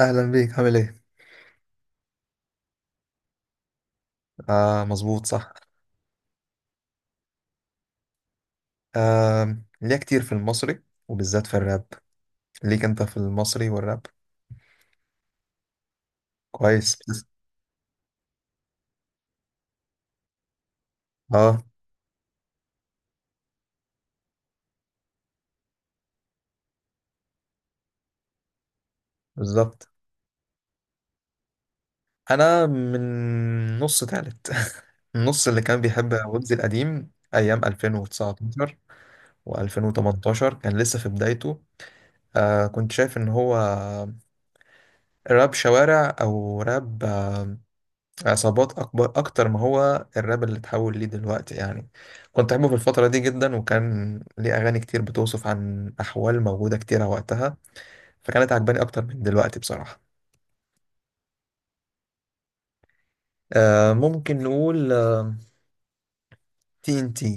اهلا بيك، عامل ايه؟ آه مظبوط، صح. آه، ليا كتير في المصري، وبالذات في الراب. ليك انت في المصري والراب. كويس. اه، بالظبط. انا من نص تالت. النص اللي كان بيحب ويجز القديم ايام 2019 و2018، كان لسه في بدايته. كنت شايف ان هو راب شوارع او راب عصابات، أكبر أكتر ما هو الراب اللي اتحول ليه دلوقتي يعني. كنت أحبه في الفترة دي جدا، وكان ليه أغاني كتير بتوصف عن أحوال موجودة كتيرة وقتها، فكانت عجباني أكتر من دلوقتي بصراحة. آه، ممكن نقول تي إن تي.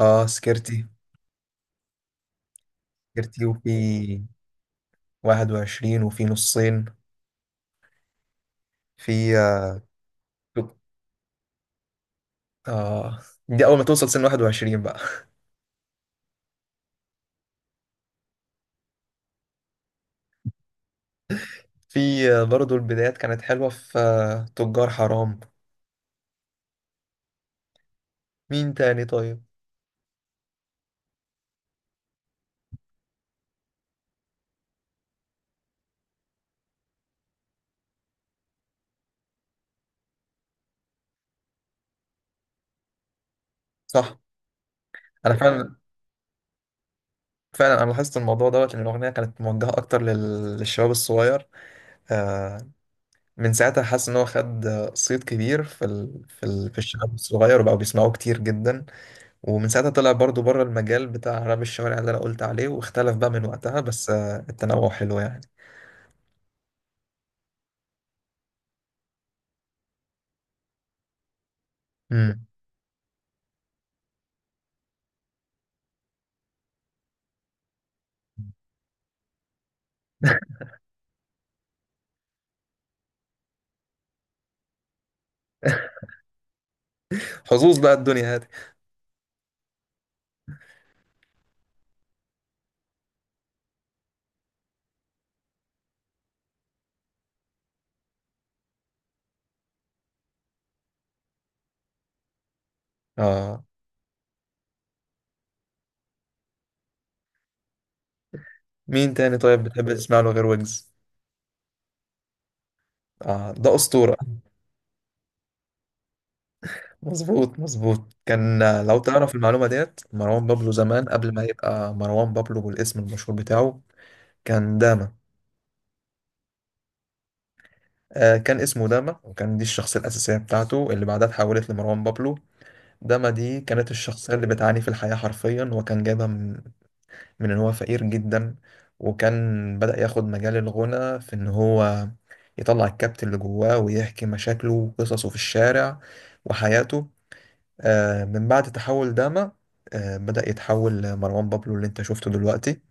آه، سكرتي. سكرتي، وفي 21، وفي نصين. في آه آه، دي أول ما توصل سن 21 بقى. في آه برضو البدايات كانت حلوة، في آه تجار حرام. مين تاني طيب؟ صح. أنا فعلا انا لاحظت الموضوع دوت، ان الاغنيه كانت موجهه اكتر للشباب الصغير. آه، من ساعتها حاسس ان هو خد آه، صيت كبير في الشباب الصغير، وبقوا بيسمعوه كتير جدا. ومن ساعتها طلع برضو بره المجال بتاع راب الشوارع اللي انا قلت عليه، واختلف بقى من وقتها، بس آه، التنوع حلو يعني. مم. حظوظ بقى الدنيا هذه. اه. مين تاني طيب بتحب تسمع له غير ويجز؟ آه، ده اسطوره. مظبوط مظبوط، كان، لو تعرف المعلومة ديت، مروان بابلو زمان قبل ما يبقى مروان بابلو بالاسم المشهور بتاعه، كان داما. كان اسمه داما، وكان دي الشخصية الأساسية بتاعته اللي بعدها اتحولت لمروان بابلو. داما دي كانت الشخصية اللي بتعاني في الحياة حرفيا، وكان جايبها من إن هو فقير جدا، وكان بدأ ياخد مجال الغنى في إن هو يطلع الكبت اللي جواه، ويحكي مشاكله وقصصه في الشارع وحياته. آه، من بعد تحول داما، آه، بدأ يتحول مروان بابلو اللي انت شفته دلوقتي.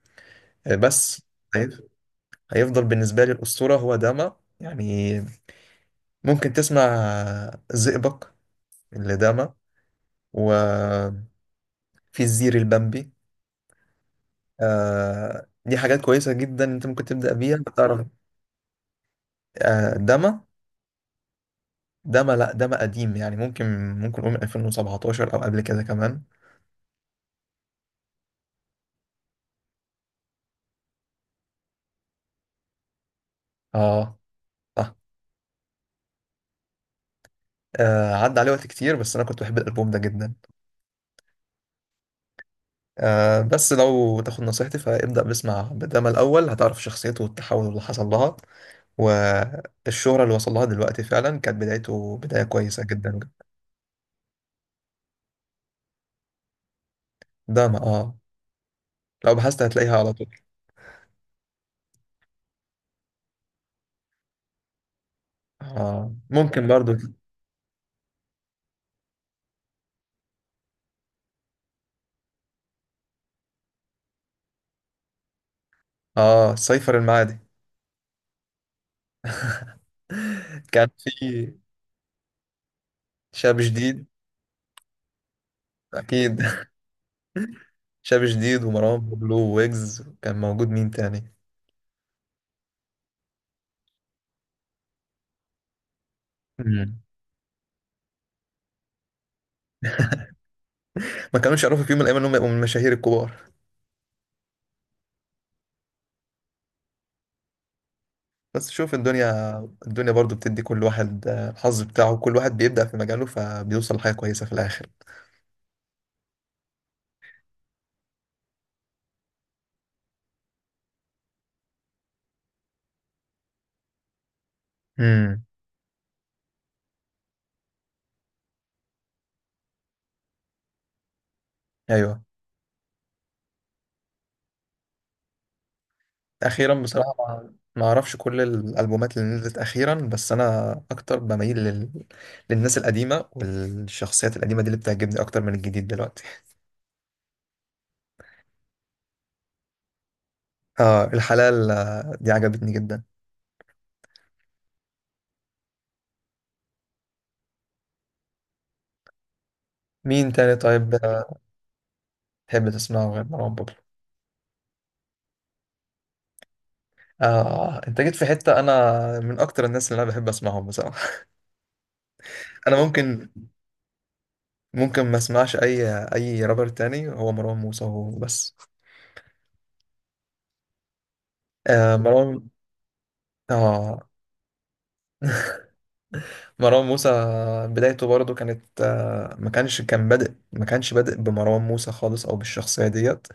آه، بس. هيف- هيفضل بالنسبة لي الأسطورة هو داما يعني. ممكن تسمع آه، زئبق اللي داما، وفي الزير البمبي. آه، دي حاجات كويسة جدا، انت ممكن تبدأ بيها بتعرف. آه، داما. داما، لا، داما قديم يعني، ممكن نقول من 2017 او قبل كده كمان. اه، صح. آه، عدى عليه وقت كتير، بس انا كنت بحب الالبوم ده جدا. آه، بس لو تاخد نصيحتي فابدأ باسمع بداما الأول، هتعرف شخصيته والتحول اللي حصل لها، والشهرة اللي وصل لها دلوقتي. فعلا كانت بدايته بداية كويسة جدا. بداما، اه، لو بحثت هتلاقيها على طول. آه. ممكن برضو. اه، سيفر المعادي. كان في شاب جديد، أكيد. شاب جديد، ومروان بابلو، ويجز كان موجود، مين تاني؟ مم. ما كانوش يعرفوا في يوم من الأيام إنهم يبقوا من المشاهير الكبار. بس شوف الدنيا. الدنيا برضو بتدي كل واحد آه، الحظ بتاعه. كل واحد بيبدأ في مجاله فبيوصل لحاجة كويسة في الآخر. امم. أيوه. أخيرا بصراحة ما أعرفش كل الألبومات اللي نزلت أخيرا، بس أنا أكتر بميل للناس القديمة، والشخصيات القديمة دي اللي بتعجبني أكتر من الجديد دلوقتي. آه، الحلال، آه، دي عجبتني جدا. مين تاني طيب آه، تحب تسمعه غير مروان بابلو؟ آه، أنت جيت في حتة. أنا من أكتر الناس اللي أنا بحب أسمعهم بصراحة. أنا ممكن ما اسمعش اي رابر تاني، هو مروان موسى هو بس. آه، مروان. اه. مروان موسى بدايته برضو كانت آه، ما كانش بادئ بمروان موسى خالص، او بالشخصية ديت.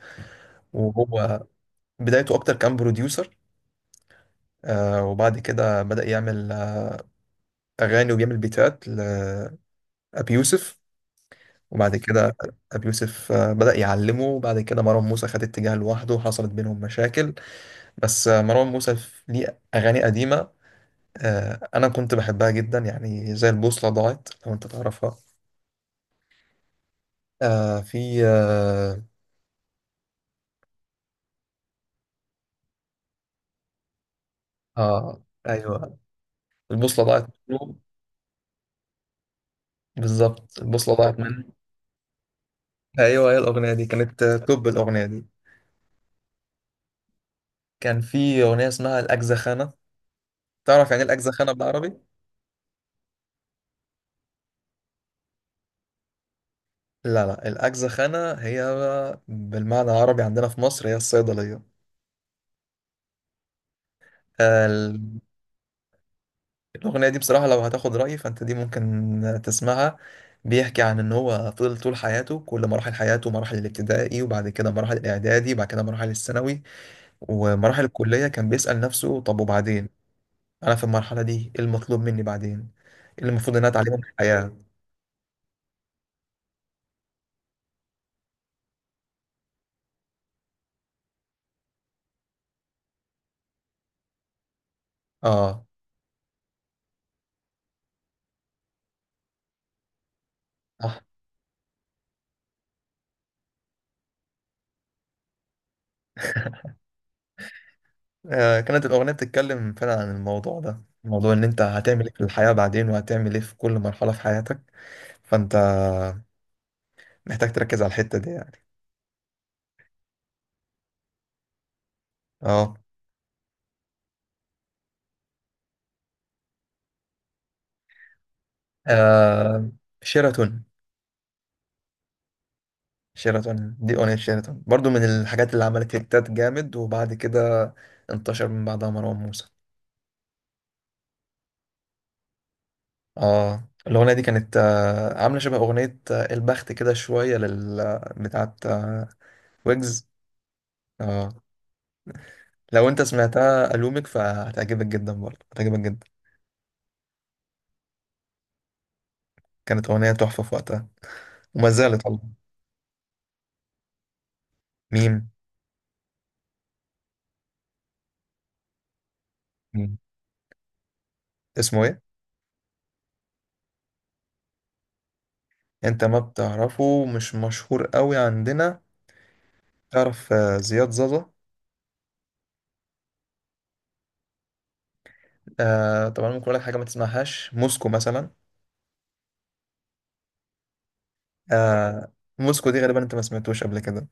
وهو بدايته اكتر كان بروديوسر. آه، وبعد كده بدأ يعمل آه، اغاني، وبيعمل بيتات لابي يوسف. وبعد كده ابي يوسف آه، بدأ يعلمه. وبعد كده مروان موسى خد اتجاه لوحده، وحصلت بينهم مشاكل. بس آه، مروان موسى ليه اغاني قديمة آه، انا كنت بحبها جدا، يعني زي البوصله ضاعت لو انت تعرفها. آه في اه, آه، ايوه، البوصله ضاعت منه. بالظبط، البوصله ضاعت منه. ايوه، هي الاغنيه دي كانت آه، توب الاغنيه دي. كان في اغنيه اسمها الاجزخانه. تعرف يعني ايه الاجزخانه بالعربي؟ لا لا، الاجزخانه هي بالمعنى العربي عندنا في مصر هي الصيدليه. آه، الأغنية دي بصراحة لو هتاخد رأيي فأنت دي ممكن تسمعها. بيحكي عن إن هو فضل طول حياته، كل مراحل حياته، مراحل الابتدائي وبعد كده مراحل الإعدادي وبعد كده مراحل الثانوي ومراحل الكلية، كان بيسأل نفسه طب وبعدين؟ أنا في المرحلة دي إيه المطلوب مني بعدين؟ إيه اللي المفروض إن أنا أتعلمه من الحياة؟ آه، صح. آه، كانت الأغنية بتتكلم فعلا عن الموضوع ده، موضوع إن أنت هتعمل إيه في الحياة بعدين، وهتعمل إيه في كل مرحلة في حياتك. فأنت محتاج تركز على الحتة دي يعني. آه. آه، شيراتون. شيراتون، دي أغنية شيراتون برضو من الحاجات اللي عملت هيتات جامد، وبعد كده انتشر من بعدها مروان موسى. اه، الأغنية دي كانت آه، عاملة شبه أغنية آه، البخت، كده شوية لل آه، بتاعت آه، ويجز. اه، لو انت سمعتها ألومك فهتعجبك جدا، برضه هتعجبك جدا. كانت أغنية تحفة في وقتها، وما زالت والله. ميم. ميم، اسمه ايه؟ انت ما بتعرفه، مش مشهور قوي عندنا. تعرف آه، زياد زازا؟ آه طبعا، ممكن اقول لك حاجه ما تسمعهاش، موسكو مثلا. آه، موسكو دي غالبا انت ما سمعتوش قبل كده.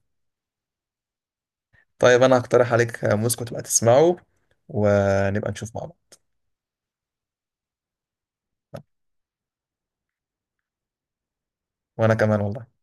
طيب انا هقترح عليك آه، موسكو تبقى تسمعه، ونبقى نشوف مع بعض. وانا كمان والله.